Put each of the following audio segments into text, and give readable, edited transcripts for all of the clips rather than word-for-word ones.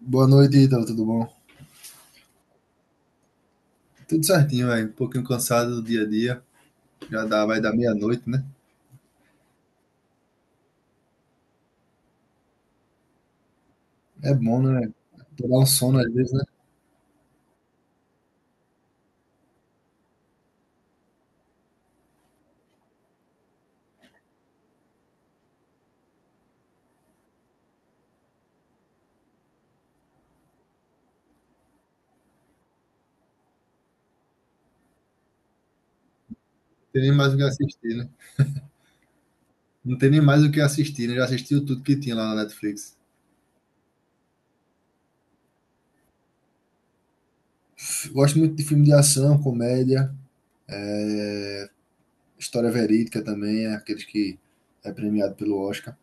Boa noite, Ítalo, tudo bom? Tudo certinho, velho. Um pouquinho cansado do dia a dia. Já dá, vai dar meia-noite, né? É bom, né? Pra dar um sono às vezes, né? Não tem nem mais o que assistir, né? Não tem nem mais o que assistir, né? Já assistiu tudo que tinha lá na Netflix. Gosto muito de filme de ação, comédia, história verídica também, é aqueles que premiado pelo Oscar.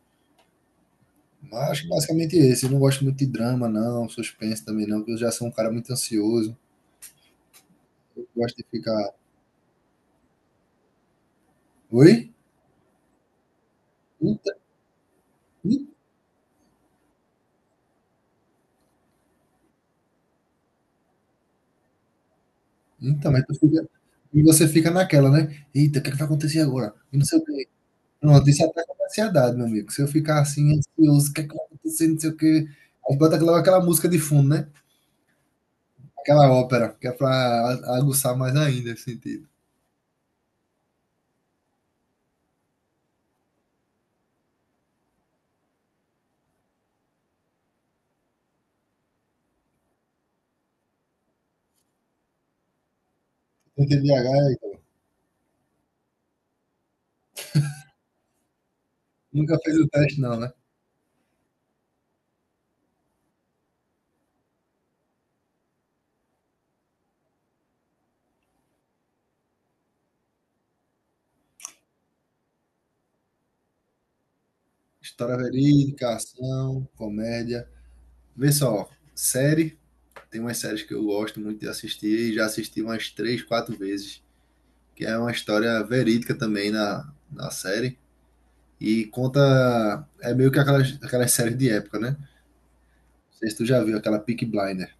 Mas acho que basicamente esse. Eu não gosto muito de drama, não, suspense também não, porque eu já sou um cara muito ansioso. Eu gosto de ficar. Oi? Ita- Então, mas tu fica e você fica naquela, né: "Eita, o que é que vai acontecer agora?" E não sei o quê. Pronto, isso ataca minha ansiedade, meu amigo. Se eu ficar assim ansioso, o que é que vai acontecer, não sei o quê. Aí bota logo aquela música de fundo, né, aquela ópera, que é pra a aguçar mais ainda esse sentido. Tem TDAH, nunca fez o teste não, né. História verídica, ação, comédia. Vê só, série, tem umas séries que eu gosto muito de assistir e já assisti umas 3, 4 vezes, que é uma história verídica também na série. E conta. É meio que aquelas, séries de época, né? Não sei se tu já viu aquela Peaky Blinder.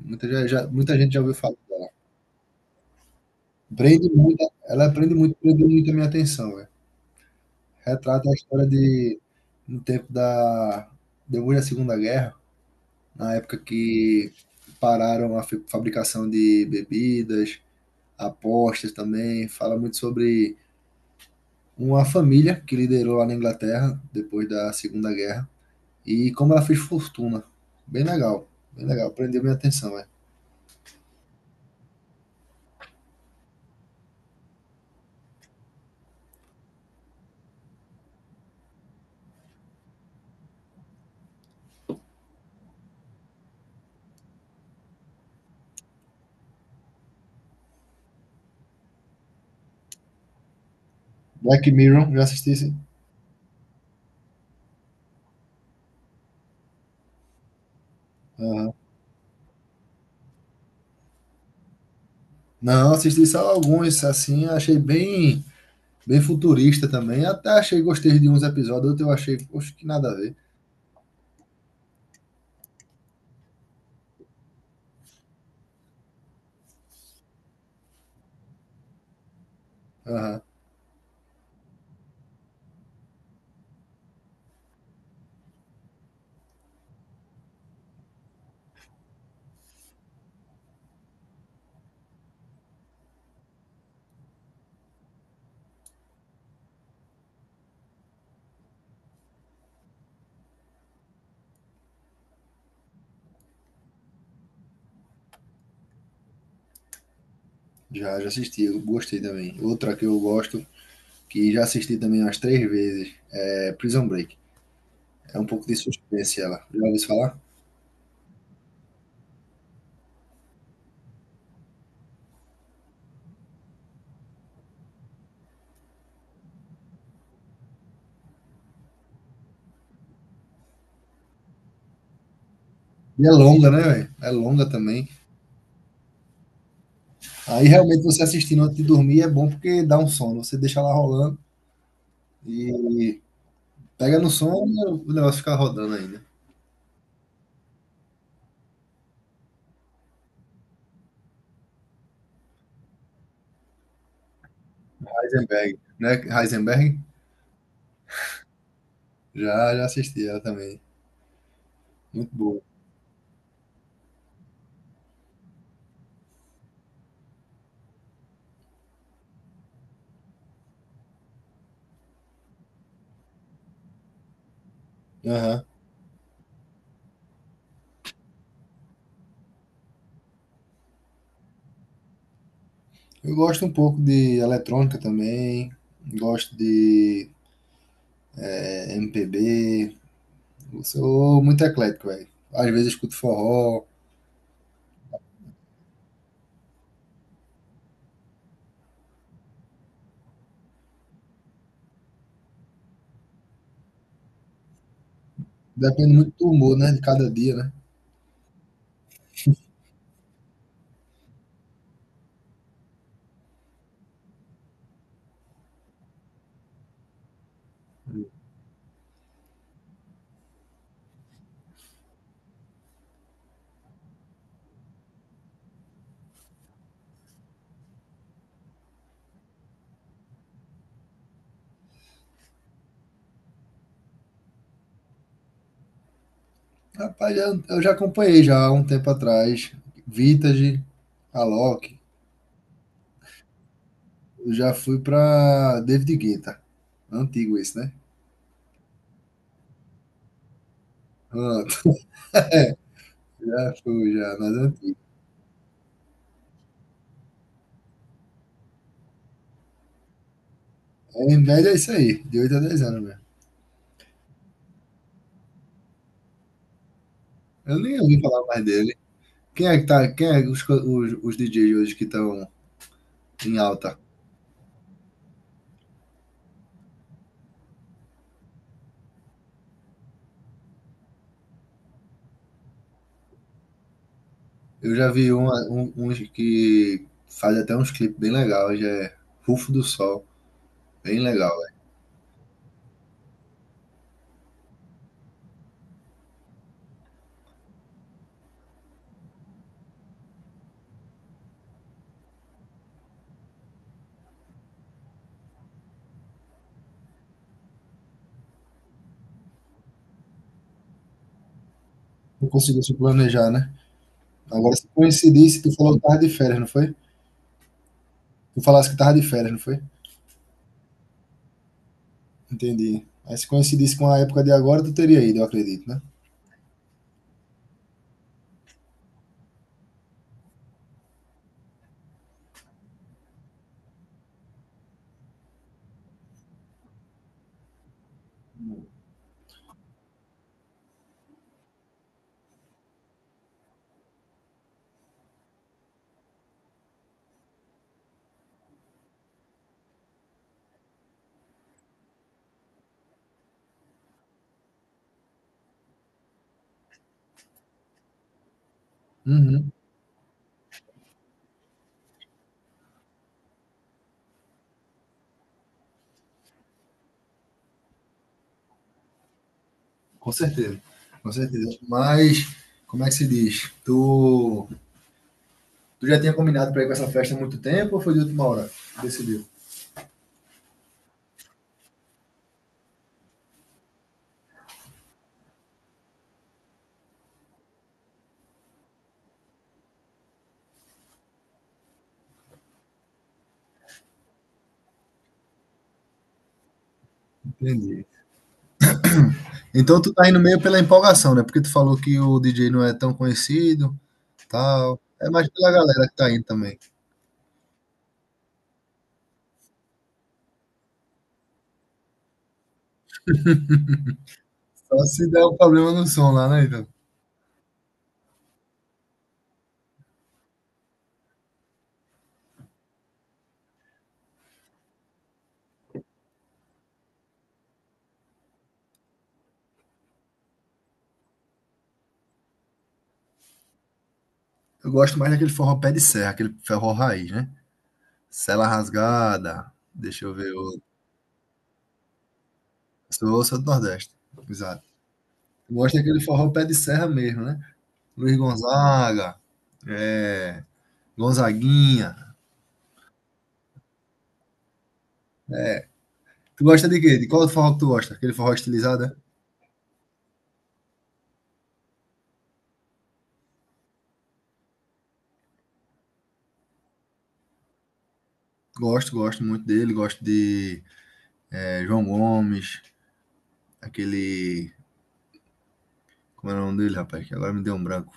Muita, muita gente já ouviu falar dela. Prende muito, prendeu muito a minha atenção, velho. Retrata a história de no tempo da depois da Segunda Guerra, na época que pararam a fabricação de bebidas, apostas também. Fala muito sobre uma família que liderou lá na Inglaterra depois da Segunda Guerra e como ela fez fortuna. Bem legal, bem legal. Prendeu minha atenção, é. Black Mirror, já assisti esse? Aham. Não, assisti só alguns, assim, achei bem, bem futurista também. Até achei, gostei de uns episódios, outros eu achei, poxa, que nada a ver. Aham. Já, já assisti, eu gostei também. Outra que eu gosto, que já assisti também umas três vezes, é Prison Break. É um pouco de suspense ela. Já ouviu falar? E é longa, né, velho? É longa também. Aí realmente você assistindo antes de dormir é bom porque dá um sono. Você deixa ela rolando. E pega no som e o negócio fica rodando ainda. Heisenberg, né? Heisenberg? Já, já assisti ela também. Muito boa. Aham. Eu gosto um pouco de eletrônica também. Gosto de MPB. Eu sou muito eclético, velho. Às vezes eu escuto forró. Depende muito do humor, né? De cada dia, né? Rapaz, eu já acompanhei já há um tempo atrás. Vintage, Alok. Eu já fui pra David Guetta. Antigo esse, né? Ah, já fui, já, nas antigas. Em média é isso aí, de 8 a 10 anos mesmo. Eu nem ouvi falar mais dele. Quem é que tá? Quem é os, DJs hoje que estão em alta? Eu já vi uns que faz até uns clipes bem legais, já é Rufo do Sol, bem legal, velho. Não conseguiu se planejar, né? Agora se coincidisse, tu falou que tava de férias, não foi? Tu falasse que tava de férias, não foi? Entendi. Aí se coincidisse com a época de agora, tu teria ido, eu acredito, né? Uhum. Com certeza, com certeza. Mas, como é que se diz? Tu já tinha combinado para ir com essa festa há muito tempo ou foi de última hora? Que Decidiu. Entendi. Então tu tá indo meio pela empolgação, né? Porque tu falou que o DJ não é tão conhecido, tal. É mais pela galera que tá indo também. Só se der um problema no som lá, né, então? Eu gosto mais daquele forró pé de serra, aquele forró raiz, né? Sela rasgada. Deixa eu ver outro. Sou, sou do Nordeste. Exato. Eu gosto daquele forró pé de serra mesmo, né? Luiz Gonzaga, é, Gonzaguinha. Tu gosta de quê? De qual forró que tu gosta? Aquele forró estilizado, é? Gosto, gosto muito dele. Gosto de João Gomes, aquele. Como era o nome dele, rapaz? Que agora me deu um branco.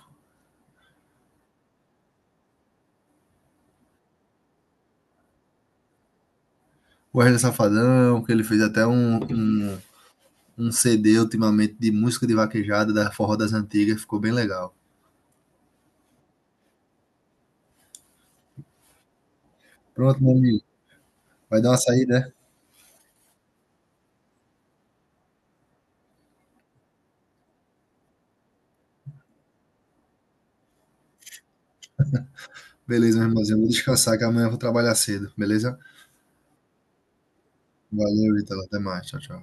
O Wesley Safadão, que ele fez até um CD ultimamente de música de vaquejada da Forró das Antigas. Ficou bem legal. Pronto, meu amigo. Vai dar uma saída, né? Beleza, meu irmãozinho. Vou descansar que amanhã eu vou trabalhar cedo, beleza? Valeu, Vitor. Até mais. Tchau, tchau.